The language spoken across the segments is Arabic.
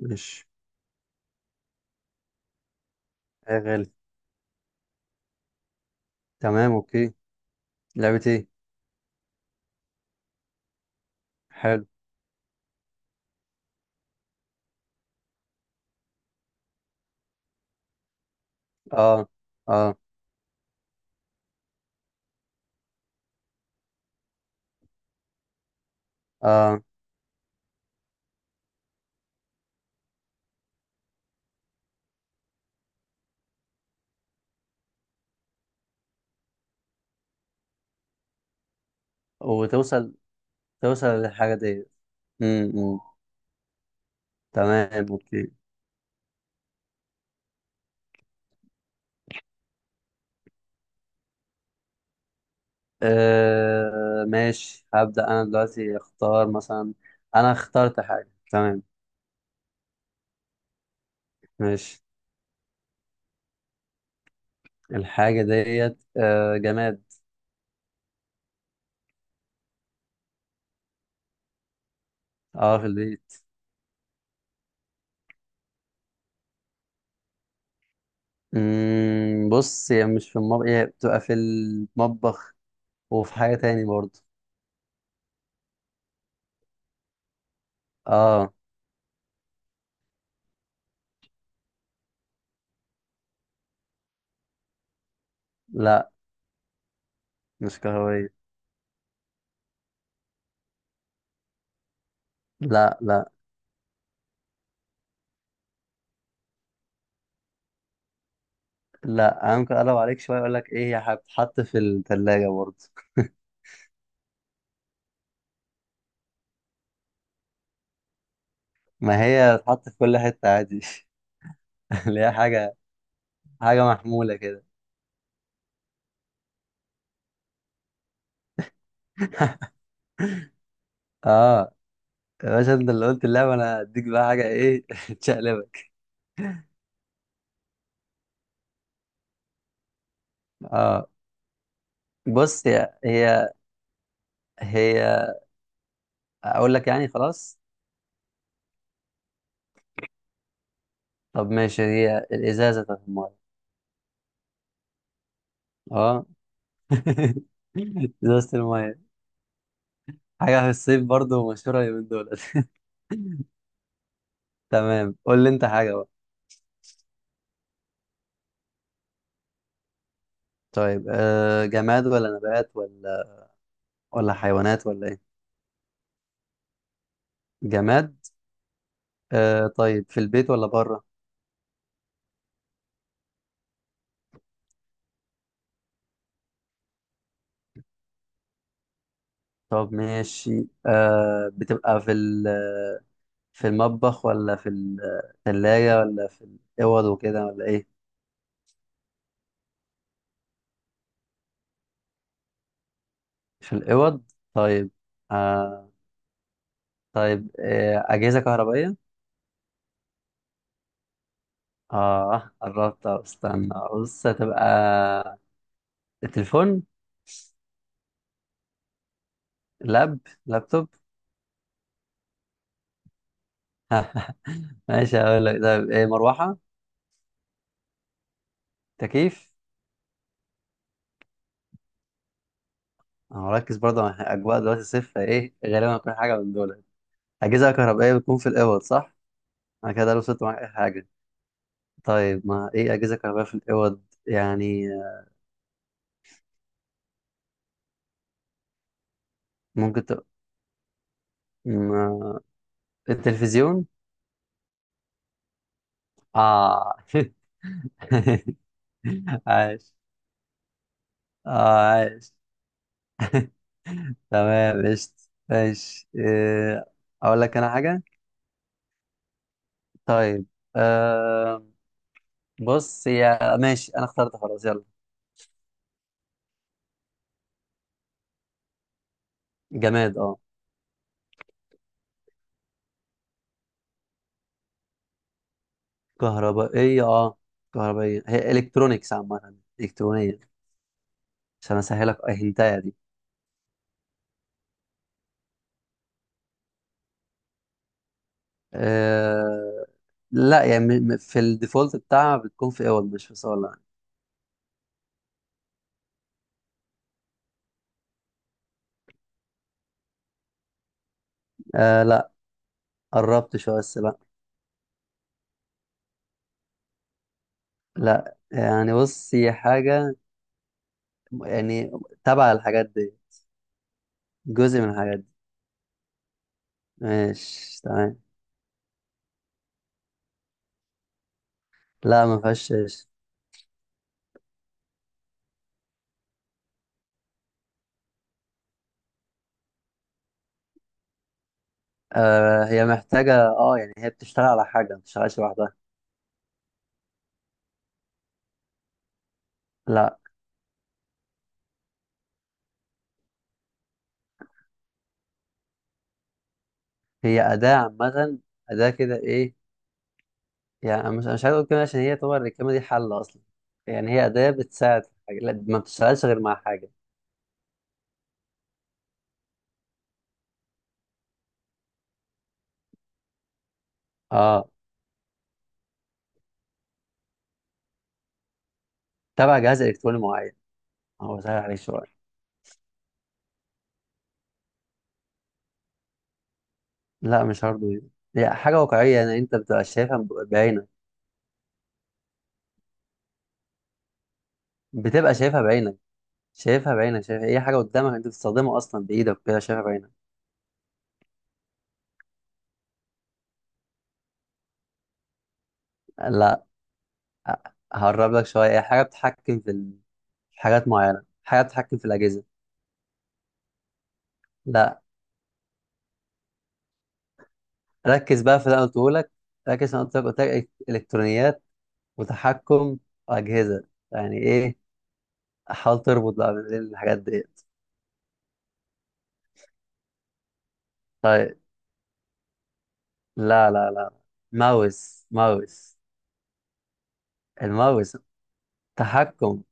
مش شغال. تمام، اوكي. لعبة ايه؟ حلو. اه، اه، اه. وتوصل للحاجة دي. امم تمام، اوكي. آه ماشي، هبدأ انا دلوقتي اختار مثلا. انا اخترت حاجة، تمام. ماشي. الحاجة ديت جماد. اه، في البيت. بص، هي مش في المطبخ، هي بتبقى في المطبخ وفي حاجة تاني برضه. اه. لا، مش كهربائية. لا، لا، لا، ممكن اقلب عليك شويه اقول لك ايه، هي هتتحط في الثلاجه برضه. ما هي هتتحط في كل حته عادي. اللي هي حاجه، حاجه محموله كده. اه يا باشا، انت اللي قلت اللعبه، انا هديك بقى حاجه ايه تشقلبك. اه، بص، هي اقول لك يعني خلاص. طب ماشي، هي الازازه بتاعت الميه. اه. ازازه الميه، حاجه في الصيف برضه مشهوره اليومين دول. تمام، قول لي انت حاجه بقى. طيب، آه، جماد ولا نبات ولا، ولا حيوانات ولا ايه؟ جماد. آه طيب، في البيت ولا بره؟ طب ماشي، آه بتبقى في في المطبخ ولا في الثلاجة ولا في الأوض وكده ولا ايه؟ في الأوض، طيب. آه، طيب، آه أجهزة كهربائية. اه قربت أهو، استنى بص هتبقى تليفون. لاب لابتوب. ماشي هقول لك، طيب ايه، مروحة، تكييف. انا مركز برضه مع اجواء دلوقتي صفر، ايه غالبا هتكون حاجه من دول. أجهزة كهربائية بتكون في الأوض صح؟ أنا كده لو وصلت معاك أي حاجة. طيب، ما إيه أجهزة كهربائية في الأوض يعني؟ ممكن ت... ما... التلفزيون؟ آه. عاش، آه عاش. تمام، قشطة. ماشي، إيه، أقول لك أنا حاجة؟ طيب، آه، بص يا ماشي، أنا اخترت خلاص، يلا. جماد، أه. كهربائية، أه. كهربائية، هي إلكترونيكس عامة، إلكترونية. عشان أسهلك أهنتايا. آه لا، يعني في الديفولت بتاعها بتكون في اول، مش في صالة يعني. آه لا، قربت شوية بس لا. لا يعني، بص هي حاجة يعني تبع الحاجات دي، جزء من الحاجات دي. ماشي، تمام. لا ما فيهاش إيش. آه هي محتاجة، اه يعني هي بتشتغل على حاجة، ما بتشتغلش لوحدها. لا، هي أداة عامة، أداة كده ايه، يعني أنا مش، أنا مش عايز أقول كده عشان هي طبعا الكلمة دي حل أصلا. يعني هي أداة بتساعد في حاجة، لا ما بتشتغلش غير مع حاجة. اه، تبع جهاز الكتروني معين. هو سهل عليك شويه. لا مش هارد، هي حاجه واقعيه يعني انت بتبقى شايفها بعينك. بتبقى شايفها بعينك، شايفها بعينك، شايفها اي حاجه قدامك انت بتستخدمها اصلا بايدك كده، شايفها بعينك. لا، هقرب لك شويه، هي حاجه بتتحكم في حاجات معينه، حاجه بتتحكم في الاجهزه. لا، ركز بقى في اللي انا قلته لك، ركز في اللي انا قلت لك الكترونيات وتحكم اجهزه، يعني ايه، حاول تربط بقى بين الحاجات ديت. طيب، لا، لا، لا، ماوس. الماوس، تحكم،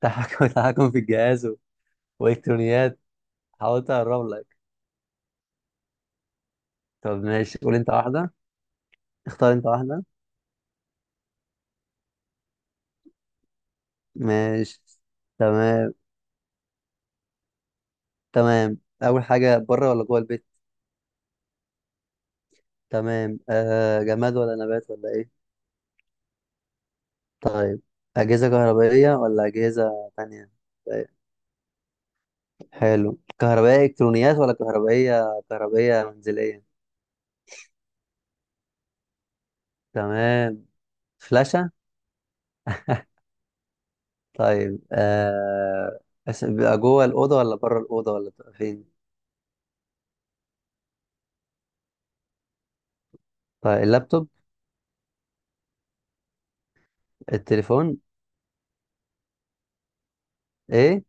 تحكم، تحكم في الجهاز والكترونيات. حاولت اقرب لك. طب ماشي، قول انت واحده، اختار انت واحده. ماشي، تمام. تمام، اول حاجه، بره ولا جوه البيت؟ تمام، آه جماد ولا نبات ولا ايه؟ طيب، اجهزه كهربائيه ولا اجهزه تانية؟ طيب، حلو، كهربائيه الكترونيات ولا كهربائيه، كهربائيه منزليه؟ تمام، فلاشه. طيب آه، بيبقى جوه الأوضة ولا بره الأوضة ولا بتبقى فين؟ طيب، اللابتوب. التليفون. ايه.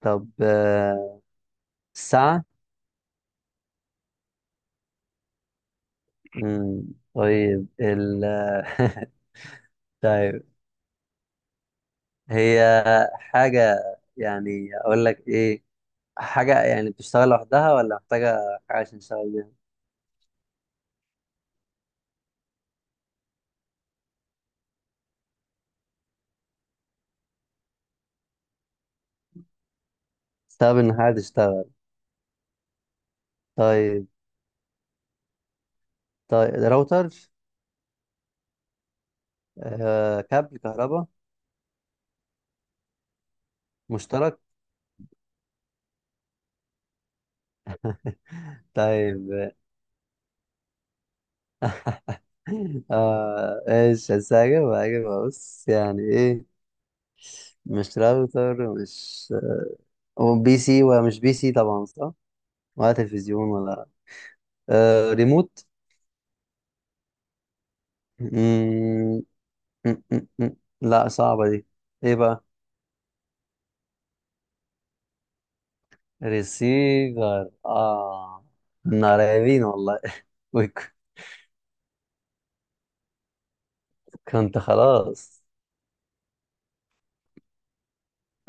طب آه، الساعة. مم، طيب ال، طيب هي حاجة، يعني اقول لك ايه، حاجة يعني بتشتغل لوحدها ولا محتاجة حاجة عشان تشتغل بيها؟ بتستخدم ان حاجة تشتغل. طيب، طيب، راوتر. آه، كابل كهرباء. مشترك. طيب اه ايش، بس هجيب بص يعني ايه، مش راوتر، مش، هو بي سي، ومش بي سي طبعا صح. ولا تلفزيون ولا، آه ريموت. مم، لا صعبة دي. ايه بقى؟ ريسيفر، اه، كنا قريبين والله. وك- كنت خلاص.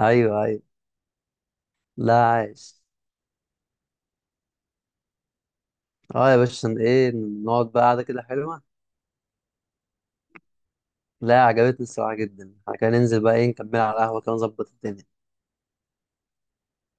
ايوه، ايوه. لا عايش. اه يا باشا، عشان ايه نقعد بقى قعدة كده حلوة. لا عجبتني الصراحة جدا، احنا كده ننزل بقى ايه، نكمل على القهوة كده، نظبط الدنيا.